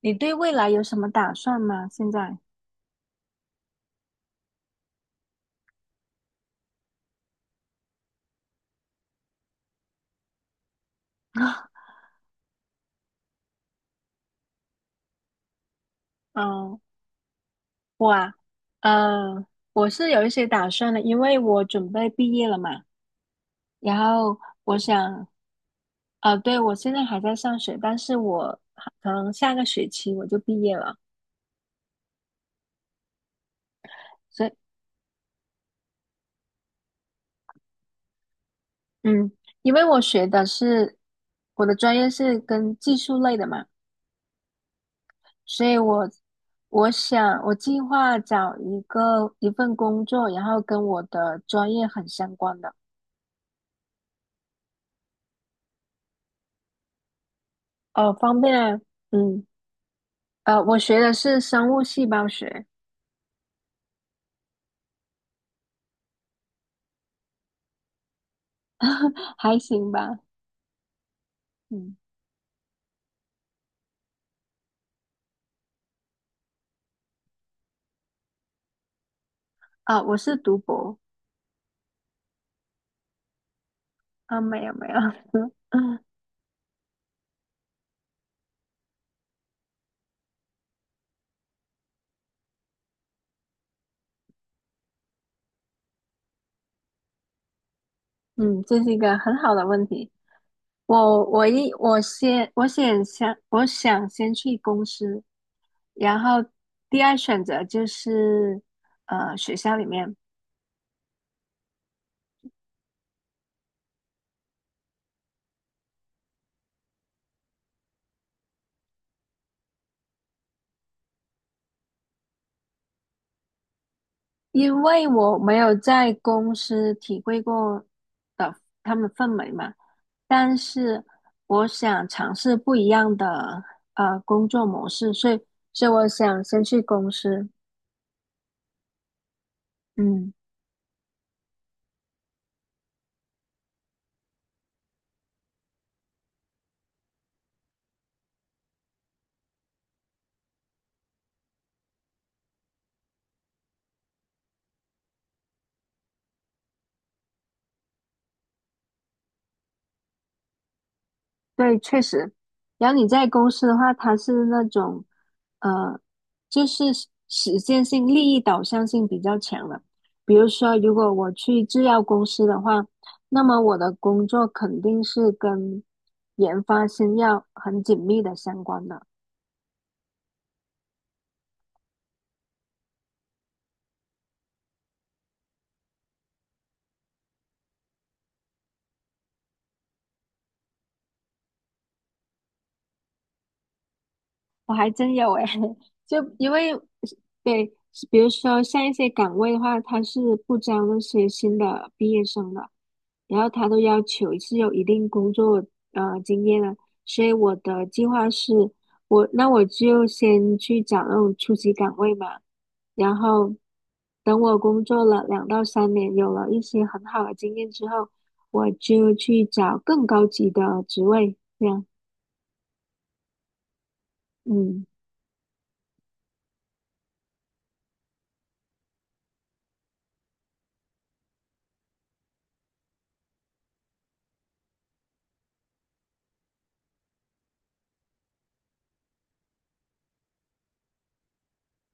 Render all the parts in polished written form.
你对未来有什么打算吗？现在，嗯，我啊，呃，我是有一些打算的，因为我准备毕业了嘛。然后我想，啊，对，我现在还在上学，但是我可能下个学期我就毕业了。所以，嗯，因为我的专业是跟技术类的嘛，所以我计划找一份工作，然后跟我的专业很相关的。哦，方便啊，嗯，我学的是生物细胞学，还行吧，嗯，啊，我是读博，啊，没有没有，嗯，这是一个很好的问题，我我一我先我先想我想先去公司，然后第二选择就是学校里面，因为我没有在公司体会过的他们氛围嘛，但是我想尝试不一样的工作模式，所以我想先去公司，嗯。对，确实。然后你在公司的话，它是那种，呃，就是实践性、利益导向性比较强的。比如说，如果我去制药公司的话，那么我的工作肯定是跟研发新药很紧密的相关的。我还真有诶，就因为对，比如说像一些岗位的话，他是不招那些新的毕业生的，然后他都要求是有一定工作经验的，所以我的计划是，那我就先去找那种初级岗位嘛，然后等我工作了两到三年，有了一些很好的经验之后，我就去找更高级的职位，这样，嗯。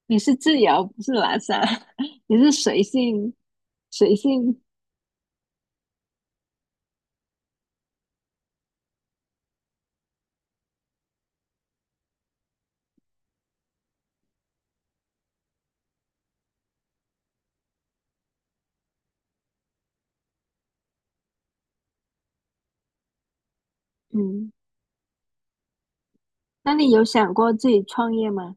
你是自由，不是拉萨，你是随性，随性。嗯，那你有想过自己创业吗？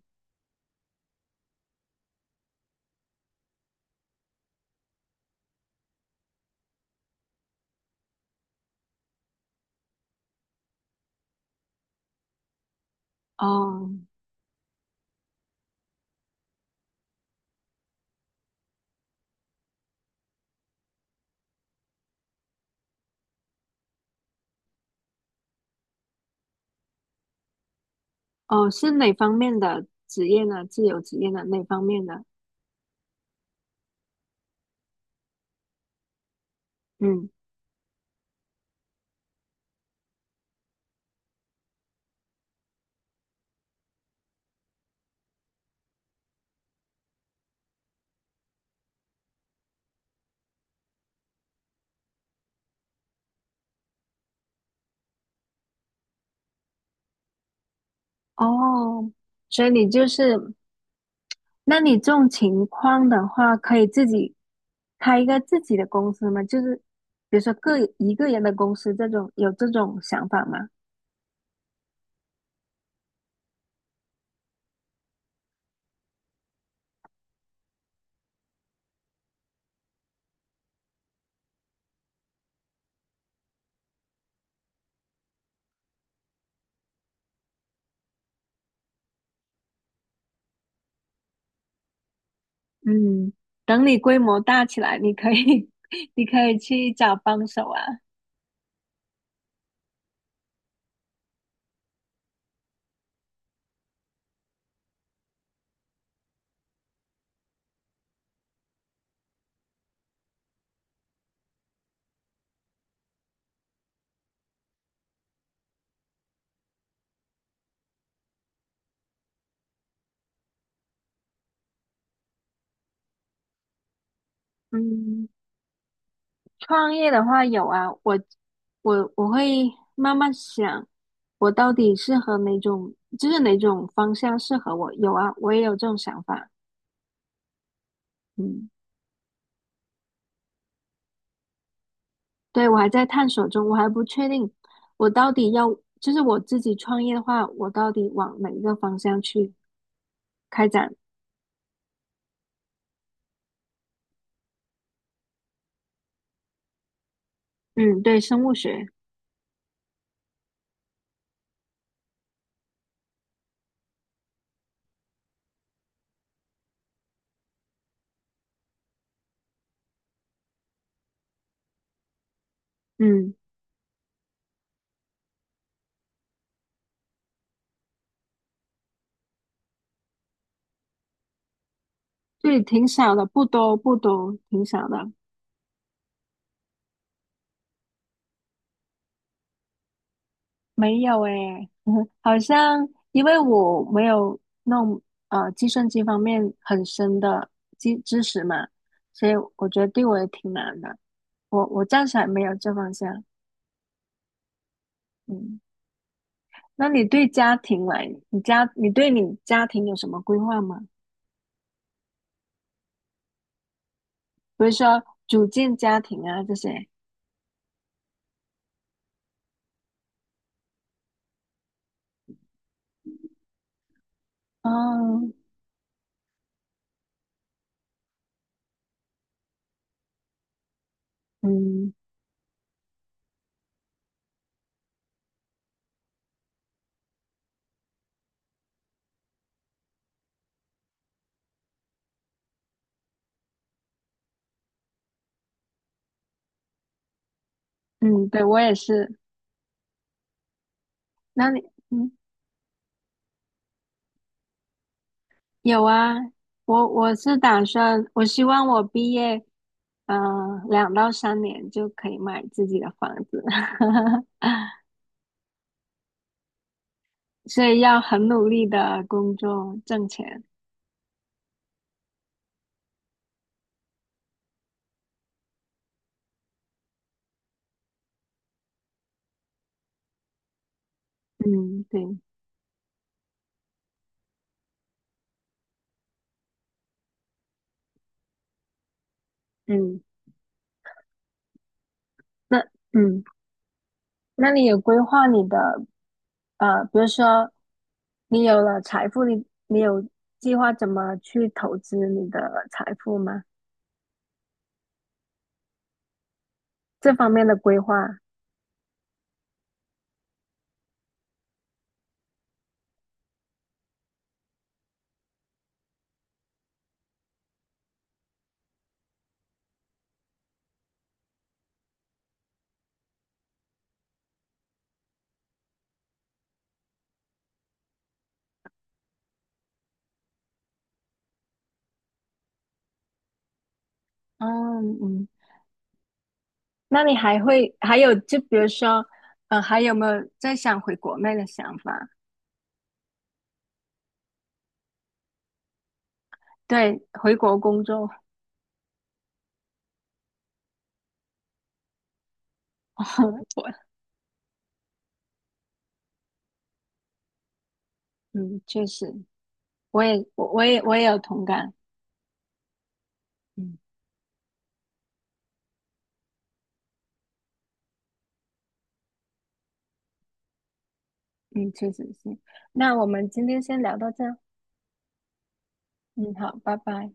哦，哦，是哪方面的职业呢？自由职业呢？哪方面的？嗯，哦，所以你就是，那你这种情况的话，可以自己开一个自己的公司吗？就是比如说一个人的公司这种，有这种想法吗？嗯，等你规模大起来，你可以，你可以去找帮手啊。嗯。创业的话有啊，我会慢慢想，我到底适合就是哪种方向适合我。有啊，我也有这种想法。嗯，对，我还在探索中，我还不确定我到底要，就是我自己创业的话，我到底往哪一个方向去开展？嗯，对，生物学，嗯，对，挺少的，不多不多，挺少的。没有诶，好像因为我没有弄计算机方面很深的知识嘛，所以我觉得对我也挺难的。我暂时还没有这方向。嗯，那你对你家庭有什么规划吗？比如说组建家庭啊这些。哦，嗯嗯，对我也是。那你嗯。有啊，我是打算，我希望我毕业，呃，两到三年就可以买自己的房子，所以要很努力的工作挣钱。嗯，对，嗯，那嗯，那你有规划你的比如说你有了财富，你有计划怎么去投资你的财富吗？这方面的规划。嗯，那你还会还有就比如说，还有没有在想回国内的想法？对，回国工作，我嗯，确实，我也我我也我也有同感，嗯嗯，确实是。那我们今天先聊到这儿，嗯，好，拜拜。